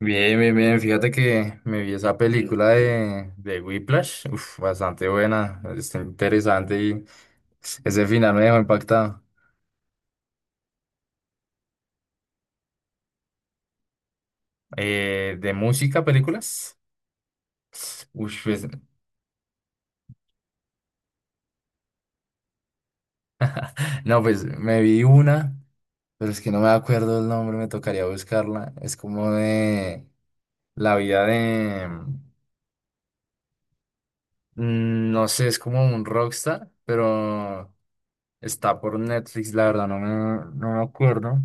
Bien, bien, bien. Fíjate que me vi esa película de Whiplash. Uf, bastante buena. Está interesante y ese final me dejó impactado. ¿De música, películas? Uf, pues, no, pues me vi una, pero es que no me acuerdo el nombre, me tocaría buscarla. Es como de la vida de, no sé, es como un rockstar, pero está por Netflix, la verdad, no me acuerdo.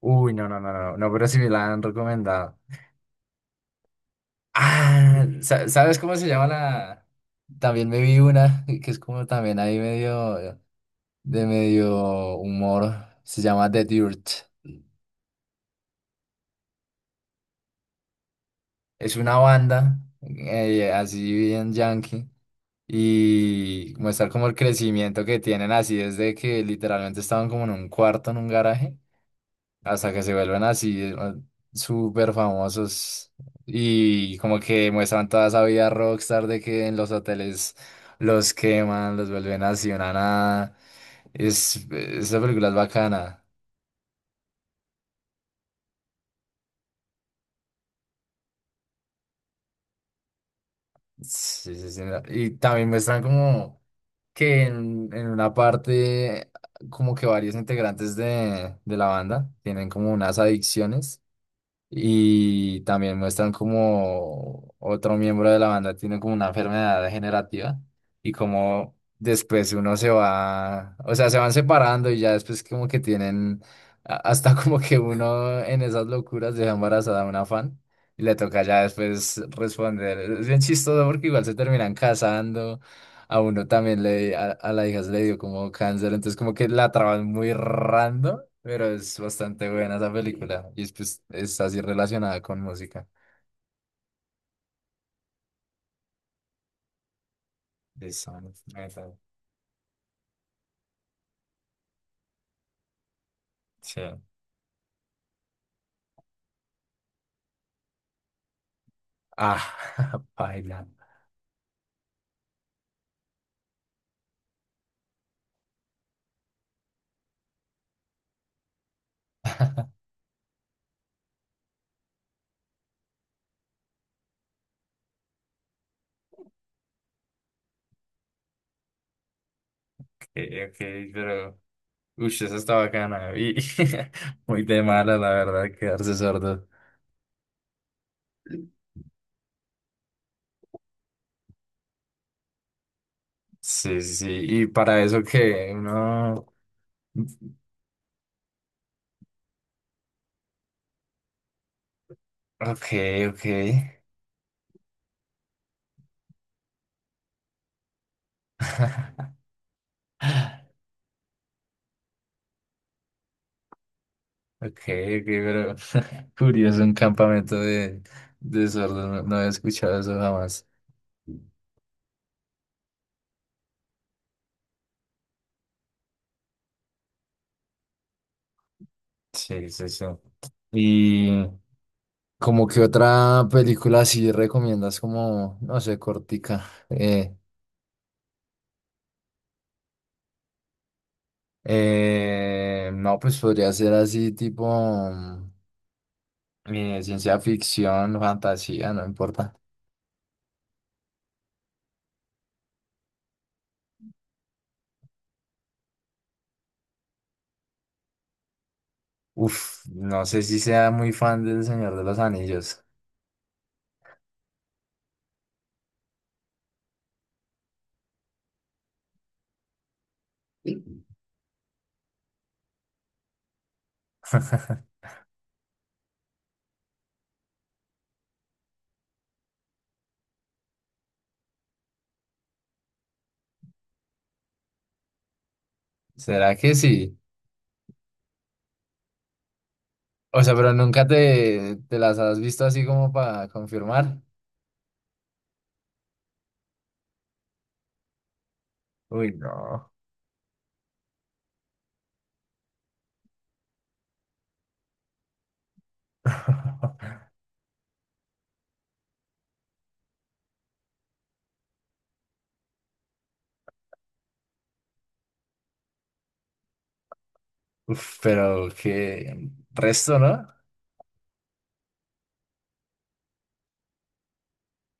Uy, no, no, no, no, no, pero sí me la han recomendado. Ah, ¿sabes cómo se llama la? También me vi una que es como también ahí medio de medio humor. Se llama The Dirt. Es una banda así bien yankee y muestra como el crecimiento que tienen así desde que literalmente estaban como en un cuarto en un garaje hasta que se vuelven así súper famosos, y como que muestran toda esa vida rockstar de que en los hoteles los queman, los vuelven así una nada. Esa película es bacana. Sí, sí, sí. Y también muestran como que en una parte como que varios integrantes de la banda tienen como unas adicciones. Y también muestran como otro miembro de la banda tiene como una enfermedad degenerativa, y como después uno se va, o sea, se van separando, y ya después como que tienen, hasta como que uno en esas locuras deja embarazada a una fan y le toca ya después responder. Es bien chistoso porque igual se terminan casando, a uno también le, a la hija se le dio como cáncer, entonces como que la traban muy random, pero es bastante buena esa película. Y es, pues, es así relacionada con música. The Sound of Metal. Sí. Ah, baila. Okay, ok, pero. Uy, eso está bacana. Y muy de mala, la verdad, quedarse sordo. Sí, sí, sí. Y para eso que uno. Ok, ok. Ok, ok, pero curioso, un campamento de sordos, no, no había escuchado eso jamás. Sí, sí, sí. Y como que otra película así recomiendas como, no sé, cortica. Eh, no, pues podría ser así tipo ciencia ficción, fantasía, no importa. Uf, no sé si sea muy fan del Señor de los Anillos. ¿Será que sí? O sea, pero nunca te las has visto así como para confirmar. Uy, no. Uf, pero qué resto, ¿no?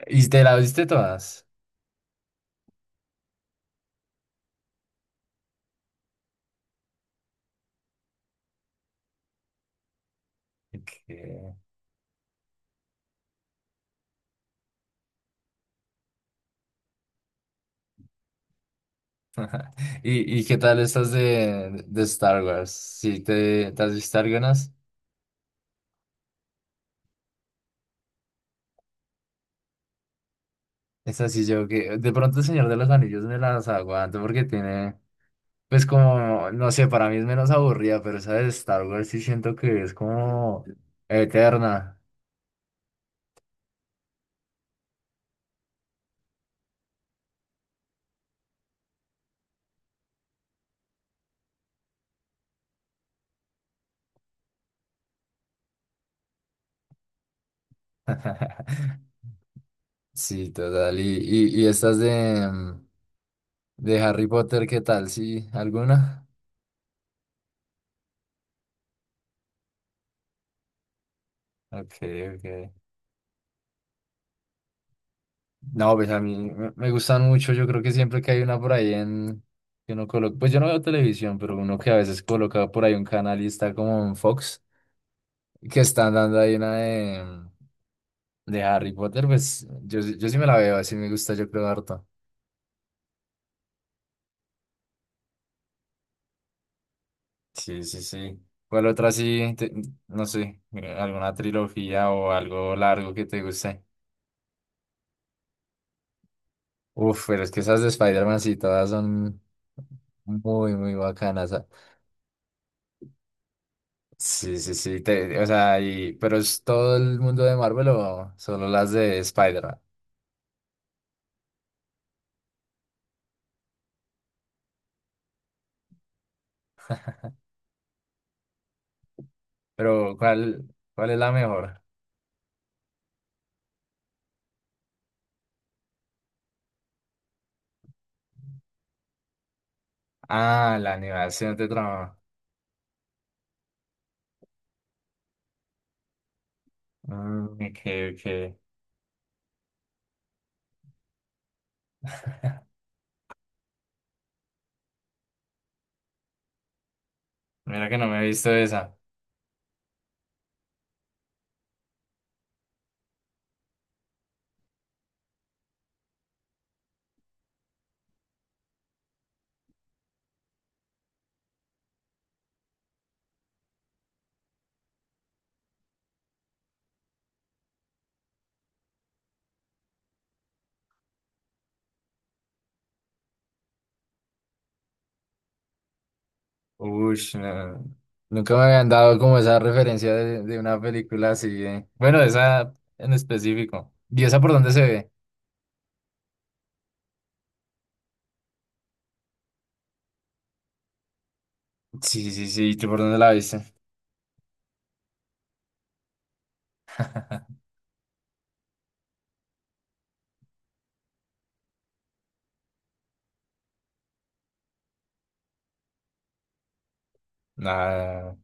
¿Y te la viste todas? ¿Qué? ¿Y qué tal estas de Star Wars? ¿Sí te has visto algunas? Es así, yo que de pronto el Señor de los Anillos me las aguanto porque tiene, pues como, no sé, para mí es menos aburrida, pero esa de Star Wars sí siento que es como eterna. Sí, total. ¿Y estas de Harry Potter, qué tal? ¿Sí? ¿Alguna? Ok, ok. No, pues a mí me gustan mucho. Yo creo que siempre que hay una por ahí en. Que uno coloca. Pues yo no veo televisión, pero uno que a veces coloca por ahí un canal y está como en Fox, que están dando ahí una de Harry Potter, pues yo sí me la veo, así me gusta, yo creo, harto. Sí, sí, sí. ¿Cuál otra sí? No sé, ¿alguna trilogía o algo largo que te guste? Uf, pero es que esas de Spider-Man sí todas son muy, muy bacanas. Ah. Sí, sí, sí. O sea y, pero ¿es todo el mundo de Marvel o solo las de Spider-Man? Pero ¿cuál es la mejor? Ah, la animación de trama. Ok, ok. Mira que no me he visto esa. Ush, no. Nunca me habían dado como esa referencia de una película así. Bueno, esa en específico. ¿Y esa por dónde se ve? Sí, sí, sí. ¿Tú por dónde la viste? Ah,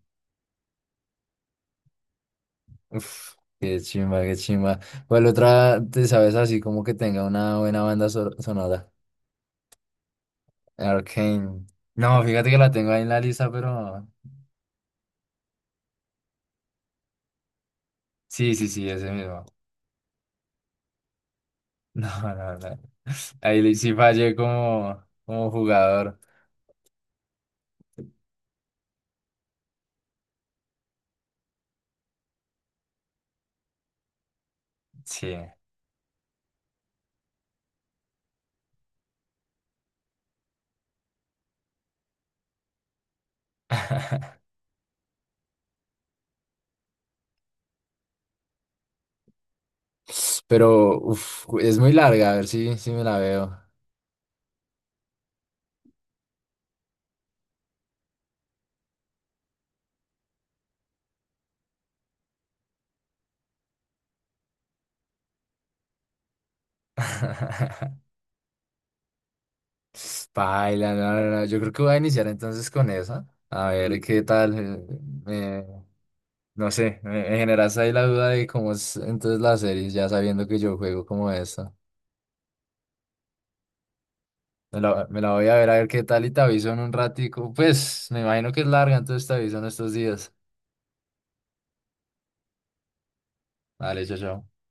uf, qué chimba, qué chimba. ¿Cuál otra te sabes así como que tenga una buena banda sonora? Arcane. No, fíjate que la tengo ahí en la lista, pero sí, sí, sí, ese mismo. No, no, no. Ahí sí fallé como jugador. Sí. Pero uf, es muy larga, a ver si me la veo. Paila, no, no, no. Yo creo que voy a iniciar entonces con esa. A ver qué tal. Me- No sé, me generaste ahí la duda de cómo es entonces la serie, ya sabiendo que yo juego como esta. Me la voy a ver qué tal y te aviso en un ratico. Pues me imagino que es larga, entonces te aviso en estos días. Vale, chao, chao.